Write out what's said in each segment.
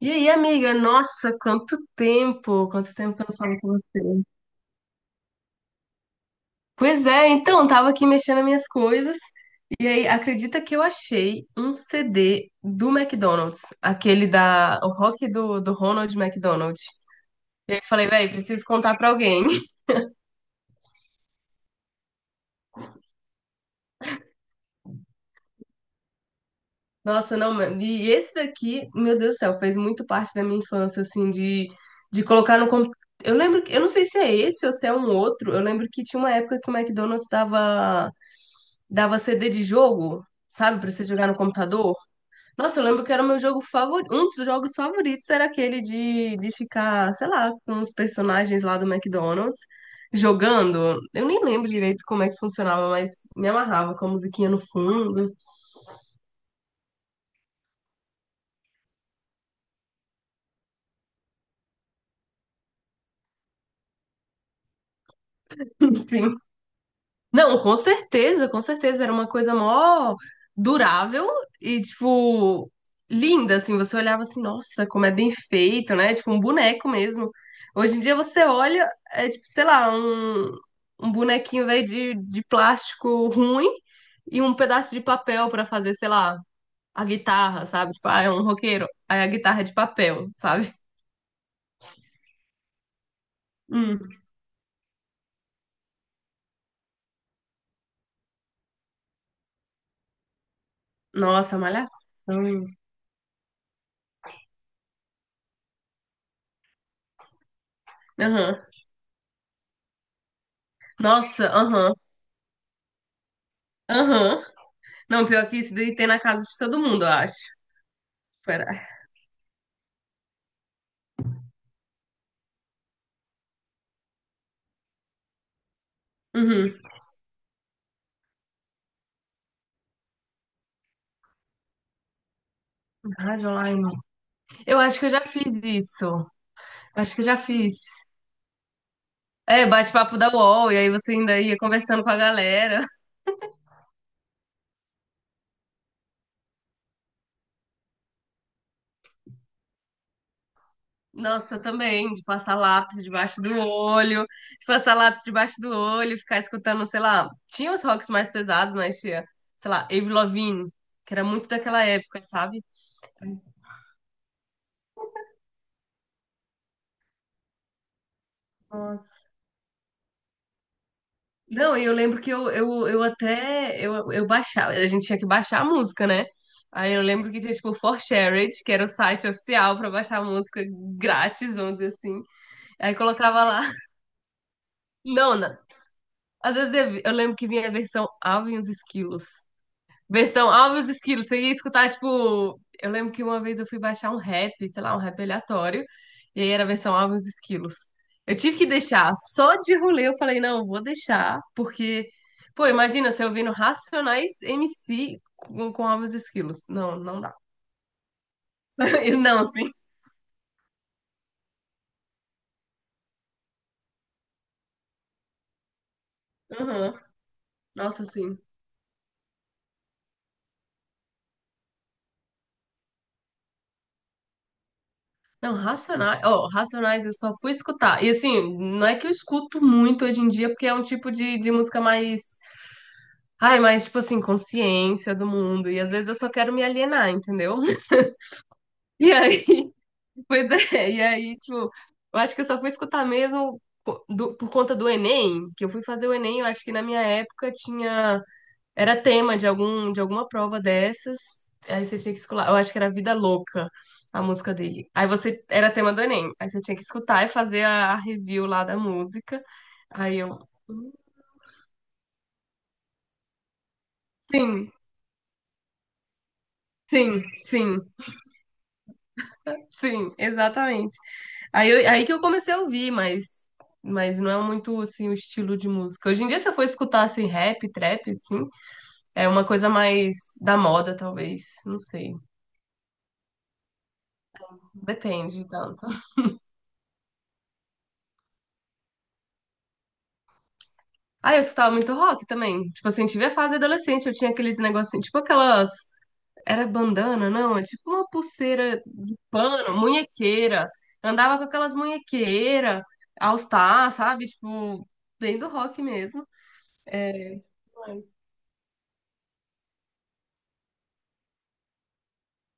E aí, amiga? Nossa, quanto tempo! Quanto tempo que eu não falo com você. Pois é, então, tava aqui mexendo nas minhas coisas. E aí, acredita que eu achei um CD do McDonald's, aquele da, o rock do Ronald McDonald. E aí eu falei, velho, preciso contar pra alguém. Nossa, não, mano. E esse daqui, meu Deus do céu, fez muito parte da minha infância, assim, de colocar no computador. Eu lembro, eu não sei se é esse ou se é um outro. Eu lembro que tinha uma época que o McDonald's dava CD de jogo, sabe, pra você jogar no computador. Nossa, eu lembro que era o meu jogo favorito, um dos jogos favoritos era aquele de ficar, sei lá, com os personagens lá do McDonald's jogando. Eu nem lembro direito como é que funcionava, mas me amarrava com a musiquinha no fundo. Sim. Não, com certeza, com certeza. Era uma coisa mó durável e, tipo, linda, assim. Você olhava assim, nossa, como é bem feito, né? Tipo, um boneco mesmo. Hoje em dia você olha, é tipo, sei lá, um bonequinho, velho, de plástico ruim e um pedaço de papel pra fazer, sei lá, a guitarra, sabe? Tipo, ah, é um roqueiro, aí a guitarra é de papel, sabe? Hum. Nossa, malhação. Aham. Nossa, aham. Aham. Não, pior que isso daí tem na casa de todo mundo, eu acho. Pera. Uhum. Hardline. Eu acho que eu já fiz isso. Eu acho que eu já fiz. É, bate-papo da UOL, e aí você ainda ia conversando com a galera. Nossa, também, de passar lápis debaixo do olho, de passar lápis debaixo do olho, ficar escutando, sei lá, tinha os rocks mais pesados, mas tinha, sei lá, Avril Lavigne, que era muito daquela época, sabe? Nossa, não, e eu lembro que eu até eu baixava, a gente tinha que baixar a música, né? Aí eu lembro que tinha tipo o ForShared, que era o site oficial pra baixar a música grátis, vamos dizer assim. Aí colocava lá. Não, não. Às vezes eu, eu lembro que vinha a versão Alvin e os Esquilos. Versão Alves Esquilos, você ia escutar, tipo. Eu lembro que uma vez eu fui baixar um rap, sei lá, um rap aleatório, e aí era a versão Alves Esquilos. Eu tive que deixar, só de rolê eu falei, não, vou deixar, porque, pô, imagina você ouvindo Racionais MC com Alves Esquilos. Não, não dá. E não, sim. Aham. Nossa, sim. Não, Racionais, ó, Racionais eu só fui escutar. E assim, não é que eu escuto muito hoje em dia, porque é um tipo de música mais. Ai, mas, tipo assim, consciência do mundo. E às vezes eu só quero me alienar, entendeu? E aí, pois é, e aí, tipo, eu acho que eu só fui escutar mesmo por conta do Enem, que eu fui fazer o Enem, eu acho que na minha época tinha, era tema de algum, de alguma prova dessas. Aí você tinha que escutar, eu acho que era Vida Louca, a música dele. Aí você, era tema do Enem, aí você tinha que escutar e fazer a review lá da música. Aí eu, sim, sim, sim, sim, exatamente. Aí, aí que eu comecei a ouvir, mas não é muito assim o estilo de música. Hoje em dia, se eu for escutar assim, rap, trap, assim, é uma coisa mais da moda, talvez. Não sei. Depende tanto. Ah, eu escutava muito rock também. Tipo assim, tive a fase adolescente, eu tinha aqueles negocinhos, tipo aquelas. Era bandana, não? É tipo uma pulseira de pano, munhequeira. Andava com aquelas munhequeiras, All Star, sabe? Tipo, bem do rock mesmo.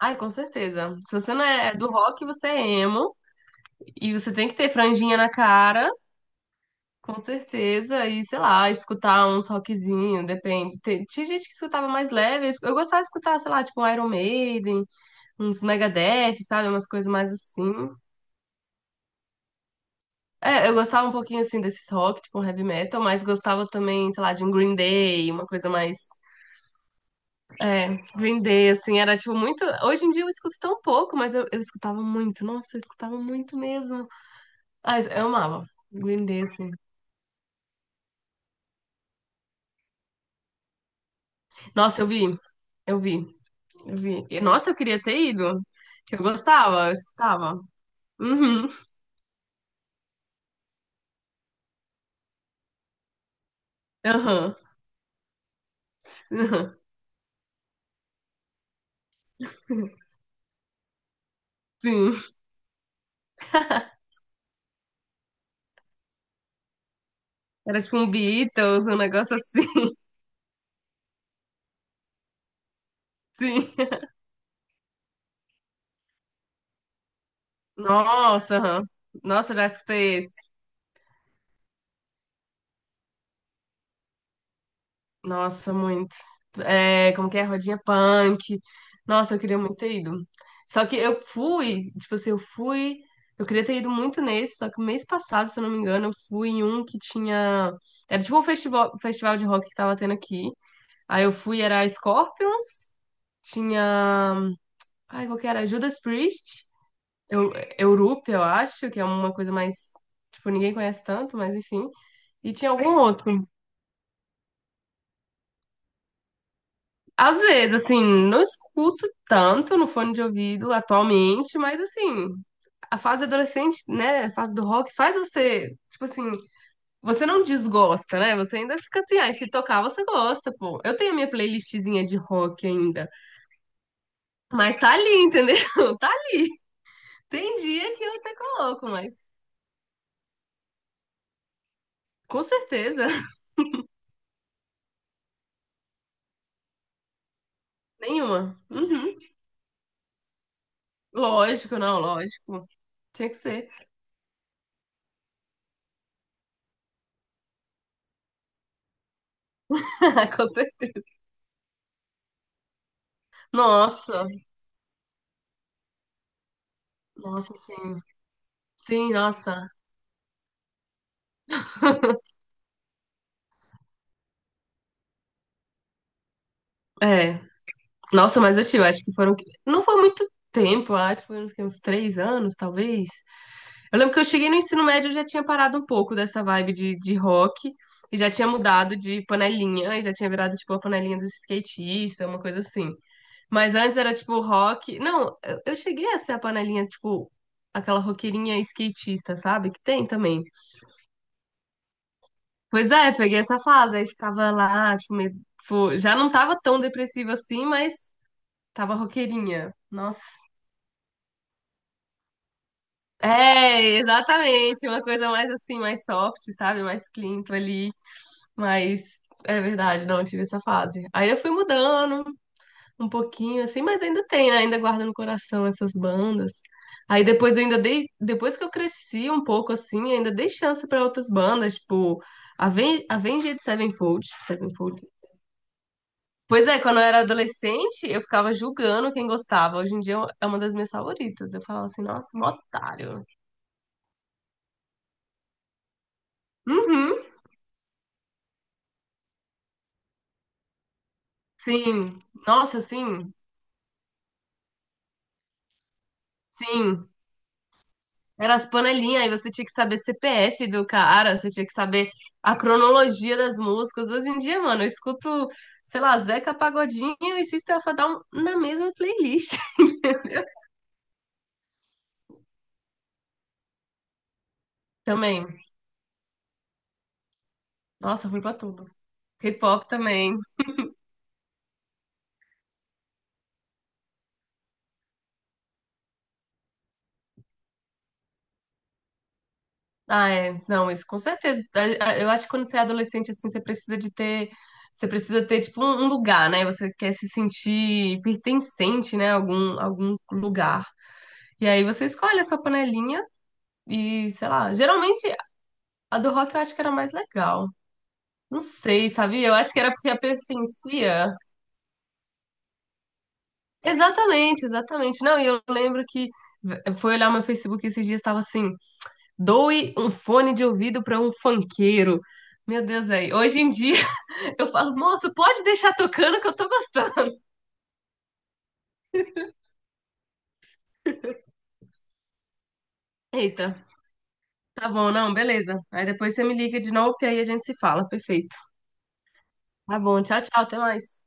Ai, com certeza. Se você não é do rock, você é emo. E você tem que ter franjinha na cara, com certeza. E, sei lá, escutar uns rockzinho, depende. Tinha gente que escutava mais leve. Eu gostava de escutar, sei lá, tipo um Iron Maiden, uns Megadeth, sabe? Umas coisas mais assim. É, eu gostava um pouquinho, assim, desses rock, tipo um heavy metal. Mas gostava também, sei lá, de um Green Day, uma coisa mais... É, Green Day, assim, era tipo muito. Hoje em dia eu escuto tão pouco, mas eu escutava muito. Nossa, eu escutava muito mesmo. Ah, eu amava. Green Day, assim. Nossa, eu vi, eu vi, eu vi. E nossa, eu queria ter ido. Que eu gostava, eu escutava. Uhum, aham, aham, sim. Era tipo um Beatles, um negócio assim, sim. Nossa, aham. Nossa, eu já escutei. Nossa, muito. É, como que é? Rodinha punk. Nossa, eu queria muito ter ido. Só que eu fui, tipo assim, eu fui. Eu queria ter ido muito nesse, só que mês passado, se eu não me engano, eu fui em um que tinha. Era tipo um festival, festival de rock que tava tendo aqui. Aí eu fui, era Scorpions, tinha. Ai, qual que era? Judas Priest, eu, Europe, eu acho, que é uma coisa mais. Tipo, ninguém conhece tanto, mas enfim. E tinha algum outro. Às vezes, assim, não escuto tanto no fone de ouvido atualmente, mas assim, a fase adolescente, né, a fase do rock faz você, tipo assim, você não desgosta, né? Você ainda fica assim, ah, se tocar você gosta, pô. Eu tenho a minha playlistzinha de rock ainda, mas tá ali, entendeu? Tá ali. Tem dia que eu até coloco, mas com certeza, nenhuma. Uhum. Lógico, não, lógico. Tinha que ser. Com certeza. Nossa, nossa, sim. Sim, nossa. É. Nossa, mas assim, eu tive, acho que foram. Não foi muito tempo, acho que foram uns três anos, talvez. Eu lembro que eu cheguei no ensino médio eu já tinha parado um pouco dessa vibe de rock e já tinha mudado de panelinha e já tinha virado tipo a panelinha dos skatistas, uma coisa assim. Mas antes era tipo rock. Não, eu cheguei a ser a panelinha, tipo, aquela roqueirinha skatista, sabe? Que tem também. Pois é, peguei essa fase, aí ficava lá, tipo, tipo, já não tava tão depressiva assim, mas tava roqueirinha. Nossa. É, exatamente. Uma coisa mais assim, mais soft, sabe? Mais clean ali. Mas é verdade, não tive essa fase. Aí eu fui mudando um pouquinho, assim, mas ainda tem, né? Ainda guardo no coração essas bandas. Aí depois eu ainda dei, depois que eu cresci um pouco assim, ainda dei chance pra outras bandas, tipo Avenged Sevenfold, Sevenfold. Pois é, quando eu era adolescente, eu ficava julgando quem gostava. Hoje em dia é uma das minhas favoritas. Eu falava assim, nossa, um otário. Uhum. Sim, nossa, sim. Era as panelinhas, aí você tinha que saber CPF do cara, você tinha que saber a cronologia das músicas. Hoje em dia, mano, eu escuto, sei lá, Zeca Pagodinho e System of a Down na mesma playlist também. Nossa, fui pra tudo. K-pop também. Ah, é. Não, isso com certeza. Eu acho que quando você é adolescente, assim, você precisa de ter. Você precisa ter, tipo, um lugar, né? Você quer se sentir pertencente, né? Algum, algum lugar. E aí você escolhe a sua panelinha. E, sei lá, geralmente a do rock eu acho que era mais legal. Não sei, sabia? Eu acho que era porque a pertencia. Exatamente, exatamente. Não, e eu lembro que eu fui olhar meu Facebook esses dias, estava assim: doe um fone de ouvido para um funkeiro. Meu Deus, aí. Hoje em dia eu falo, moço, pode deixar tocando que eu tô gostando. Eita, tá bom, não, beleza. Aí depois você me liga de novo que aí a gente se fala. Perfeito. Tá bom, tchau, tchau, até mais.